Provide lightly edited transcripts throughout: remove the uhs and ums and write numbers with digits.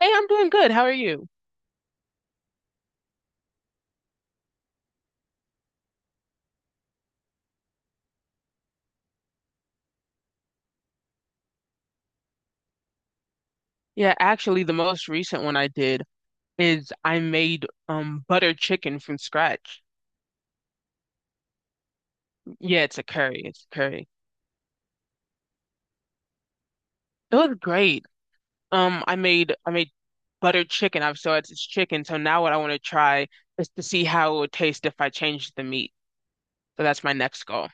Hey, I'm doing good. How are you? Yeah, actually, the most recent one I did is I made butter chicken from scratch. Yeah, it's a curry. It's a curry. It was great. I made butter chicken. I've so it's chicken. So now what I want to try is to see how it would taste if I changed the meat. So that's my next goal.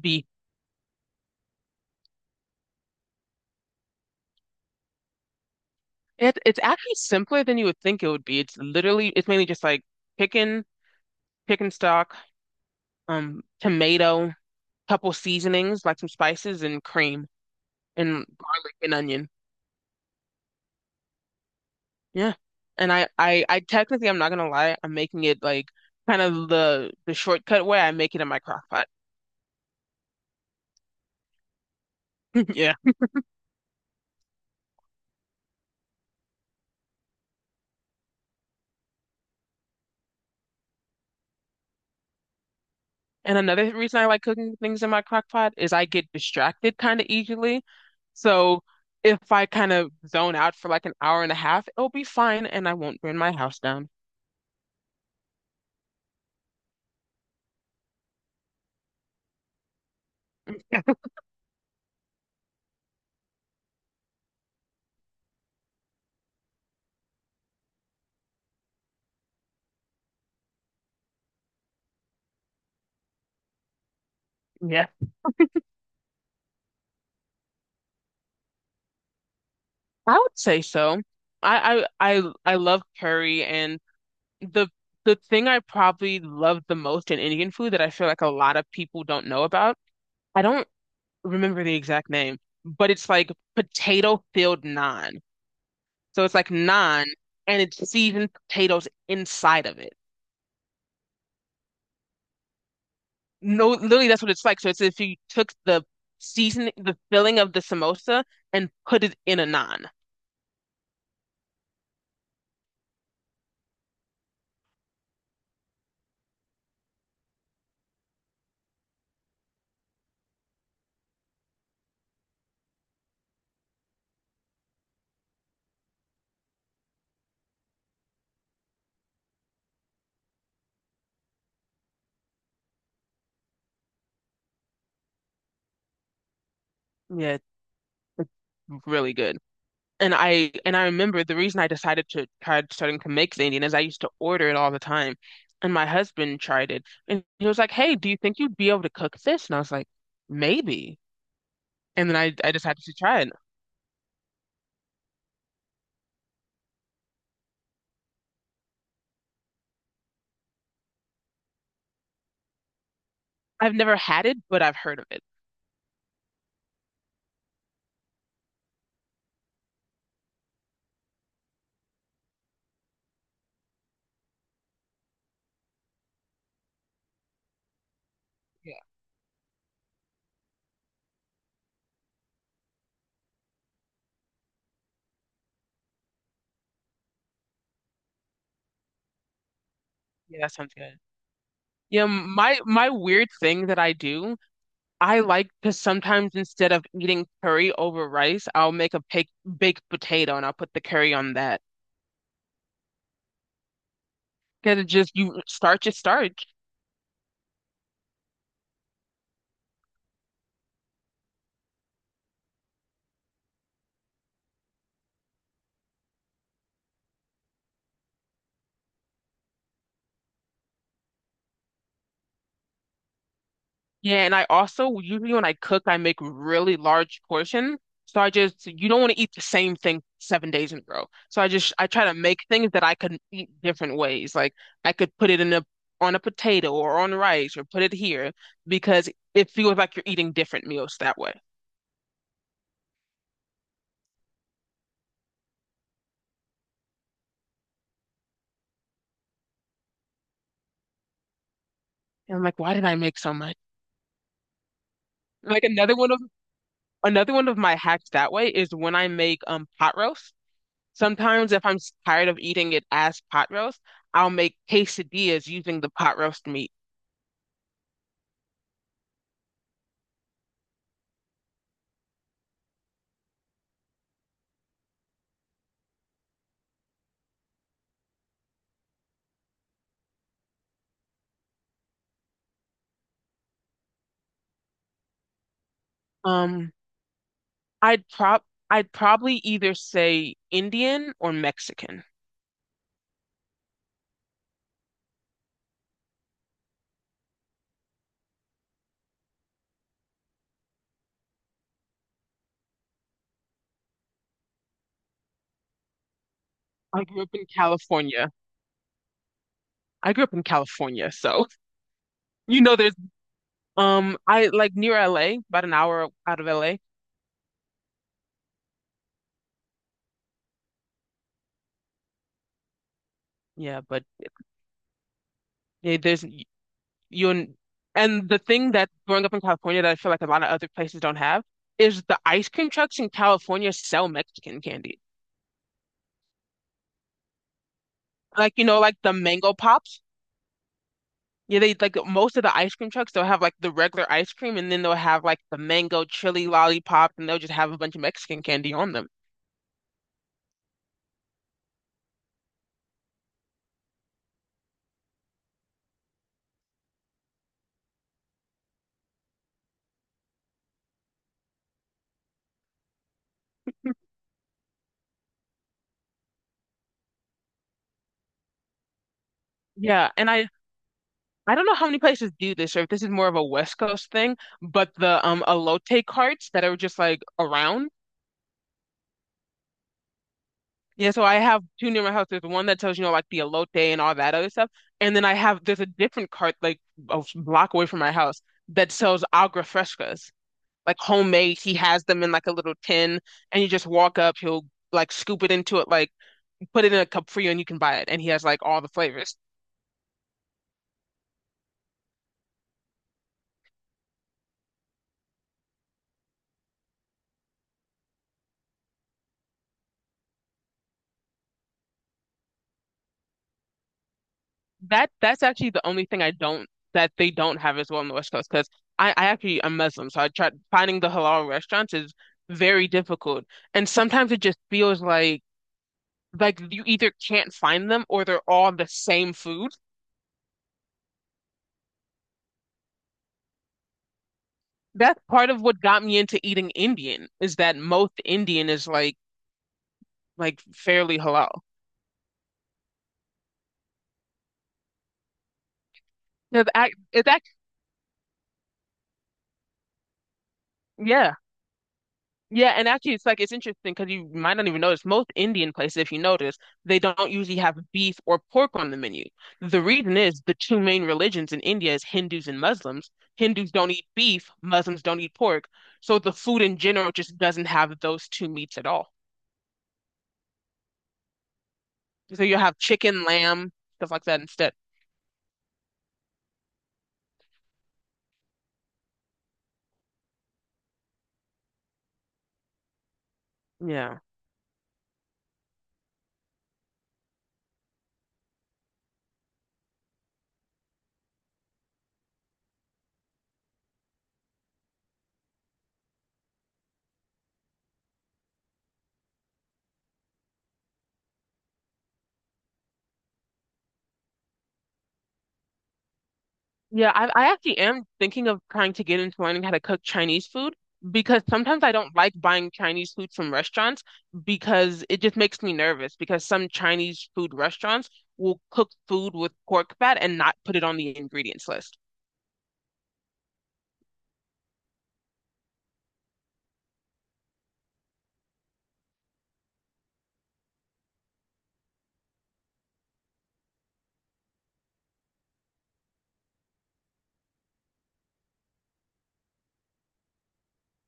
Be It's actually simpler than you would think it would be. It's literally it's mainly just like chicken, chicken stock, tomato, couple seasonings like some spices and cream, and garlic and onion. Yeah. And I technically, I'm not gonna lie, I'm making it like kind of the shortcut way. I make it in my crock pot. Yeah. And another reason I like cooking things in my crock pot is I get distracted kind of easily. So if I kind of zone out for like an hour and a half, it'll be fine and I won't burn my house down. Yeah. I would say so. I love curry, and the the thing I probably love the most in Indian food that I feel like a lot of people don't know about, I don't remember the exact name, but it's like potato filled naan. So it's like naan and it's seasoned potatoes inside of it. No, literally that's what it's like. So it's if you took the season, the filling of the samosa and put it in a naan. Yeah, it's really good. And I remember the reason I decided to try starting to make Indian is I used to order it all the time. And my husband tried it and he was like, "Hey, do you think you'd be able to cook this?" And I was like, "Maybe." And then I decided to try it. I've never had it, but I've heard of it. Yeah. Yeah, that sounds good. Yeah, my weird thing that I do, I like to sometimes instead of eating curry over rice, I'll make a baked potato and I'll put the curry on that. Because it just you starch is starch. Yeah, and I also usually when I cook, I make really large portions. So I just you don't want to eat the same thing 7 days in a row. So I just I try to make things that I can eat different ways. Like I could put it in a on a potato or on rice or put it here because it feels like you're eating different meals that way. And I'm like, why did I make so much? Like another one of my hacks that way is when I make pot roast. Sometimes if I'm tired of eating it as pot roast, I'll make quesadillas using the pot roast meat. Um, I'd prob I'd probably either say Indian or Mexican. I grew up in California. I grew up in California, so you know there's I like near LA, about an hour out of LA. Yeah, but yeah, there's you and the thing that growing up in California that I feel like a lot of other places don't have is the ice cream trucks in California sell Mexican candy. Like you know, like the mango pops. Yeah, they like most of the ice cream trucks, they'll have like the regular ice cream and then they'll have like the mango chili lollipop, and they'll just have a bunch of Mexican candy on them. Yeah, and I don't know how many places do this or if this is more of a West Coast thing, but the elote carts that are just like around. Yeah, so I have two near my house. There's one that tells you know like the elote and all that other stuff, and then I have there's a different cart like a block away from my house that sells agua frescas, like homemade. He has them in like a little tin, and you just walk up. He'll like scoop it into it, like put it in a cup for you, and you can buy it. And he has like all the flavors. That's actually the only thing I don't that they don't have as well on the West Coast, because I actually am Muslim, so I tried finding the halal restaurants is very difficult, and sometimes it just feels like you either can't find them or they're all the same food. That's part of what got me into eating Indian is that most Indian is like fairly halal. Because I, it's act, yeah, yeah, and actually, it's like it's interesting because you might not even notice most Indian places, if you notice, they don't usually have beef or pork on the menu. The reason is the two main religions in India is Hindus and Muslims. Hindus don't eat beef, Muslims don't eat pork, so the food in general just doesn't have those two meats at all. So you have chicken, lamb, stuff like that instead. Yeah. Yeah, I actually am thinking of trying to get into learning how to cook Chinese food because sometimes I don't like buying Chinese food from restaurants because it just makes me nervous because some Chinese food restaurants will cook food with pork fat and not put it on the ingredients list.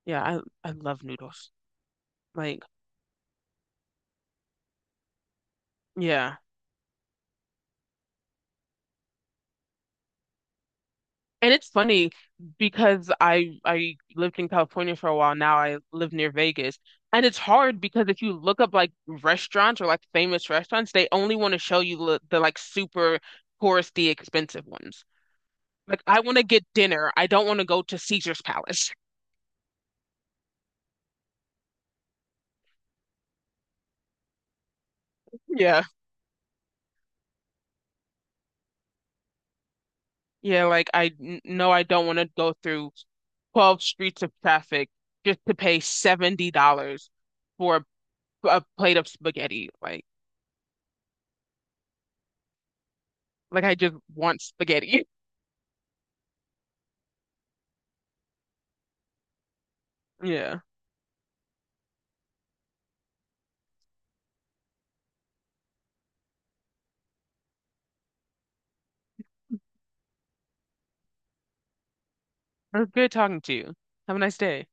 Yeah, I love noodles. Like, yeah. And it's funny because I lived in California for a while. Now I live near Vegas. And it's hard because if you look up like restaurants or like famous restaurants, they only want to show you the like super touristy expensive ones. Like I want to get dinner. I don't want to go to Caesar's Palace. Yeah. Yeah, like no, I don't want to go through 12 streets of traffic just to pay $70 for a plate of spaghetti. Like I just want spaghetti. Yeah. It was good talking to you. Have a nice day.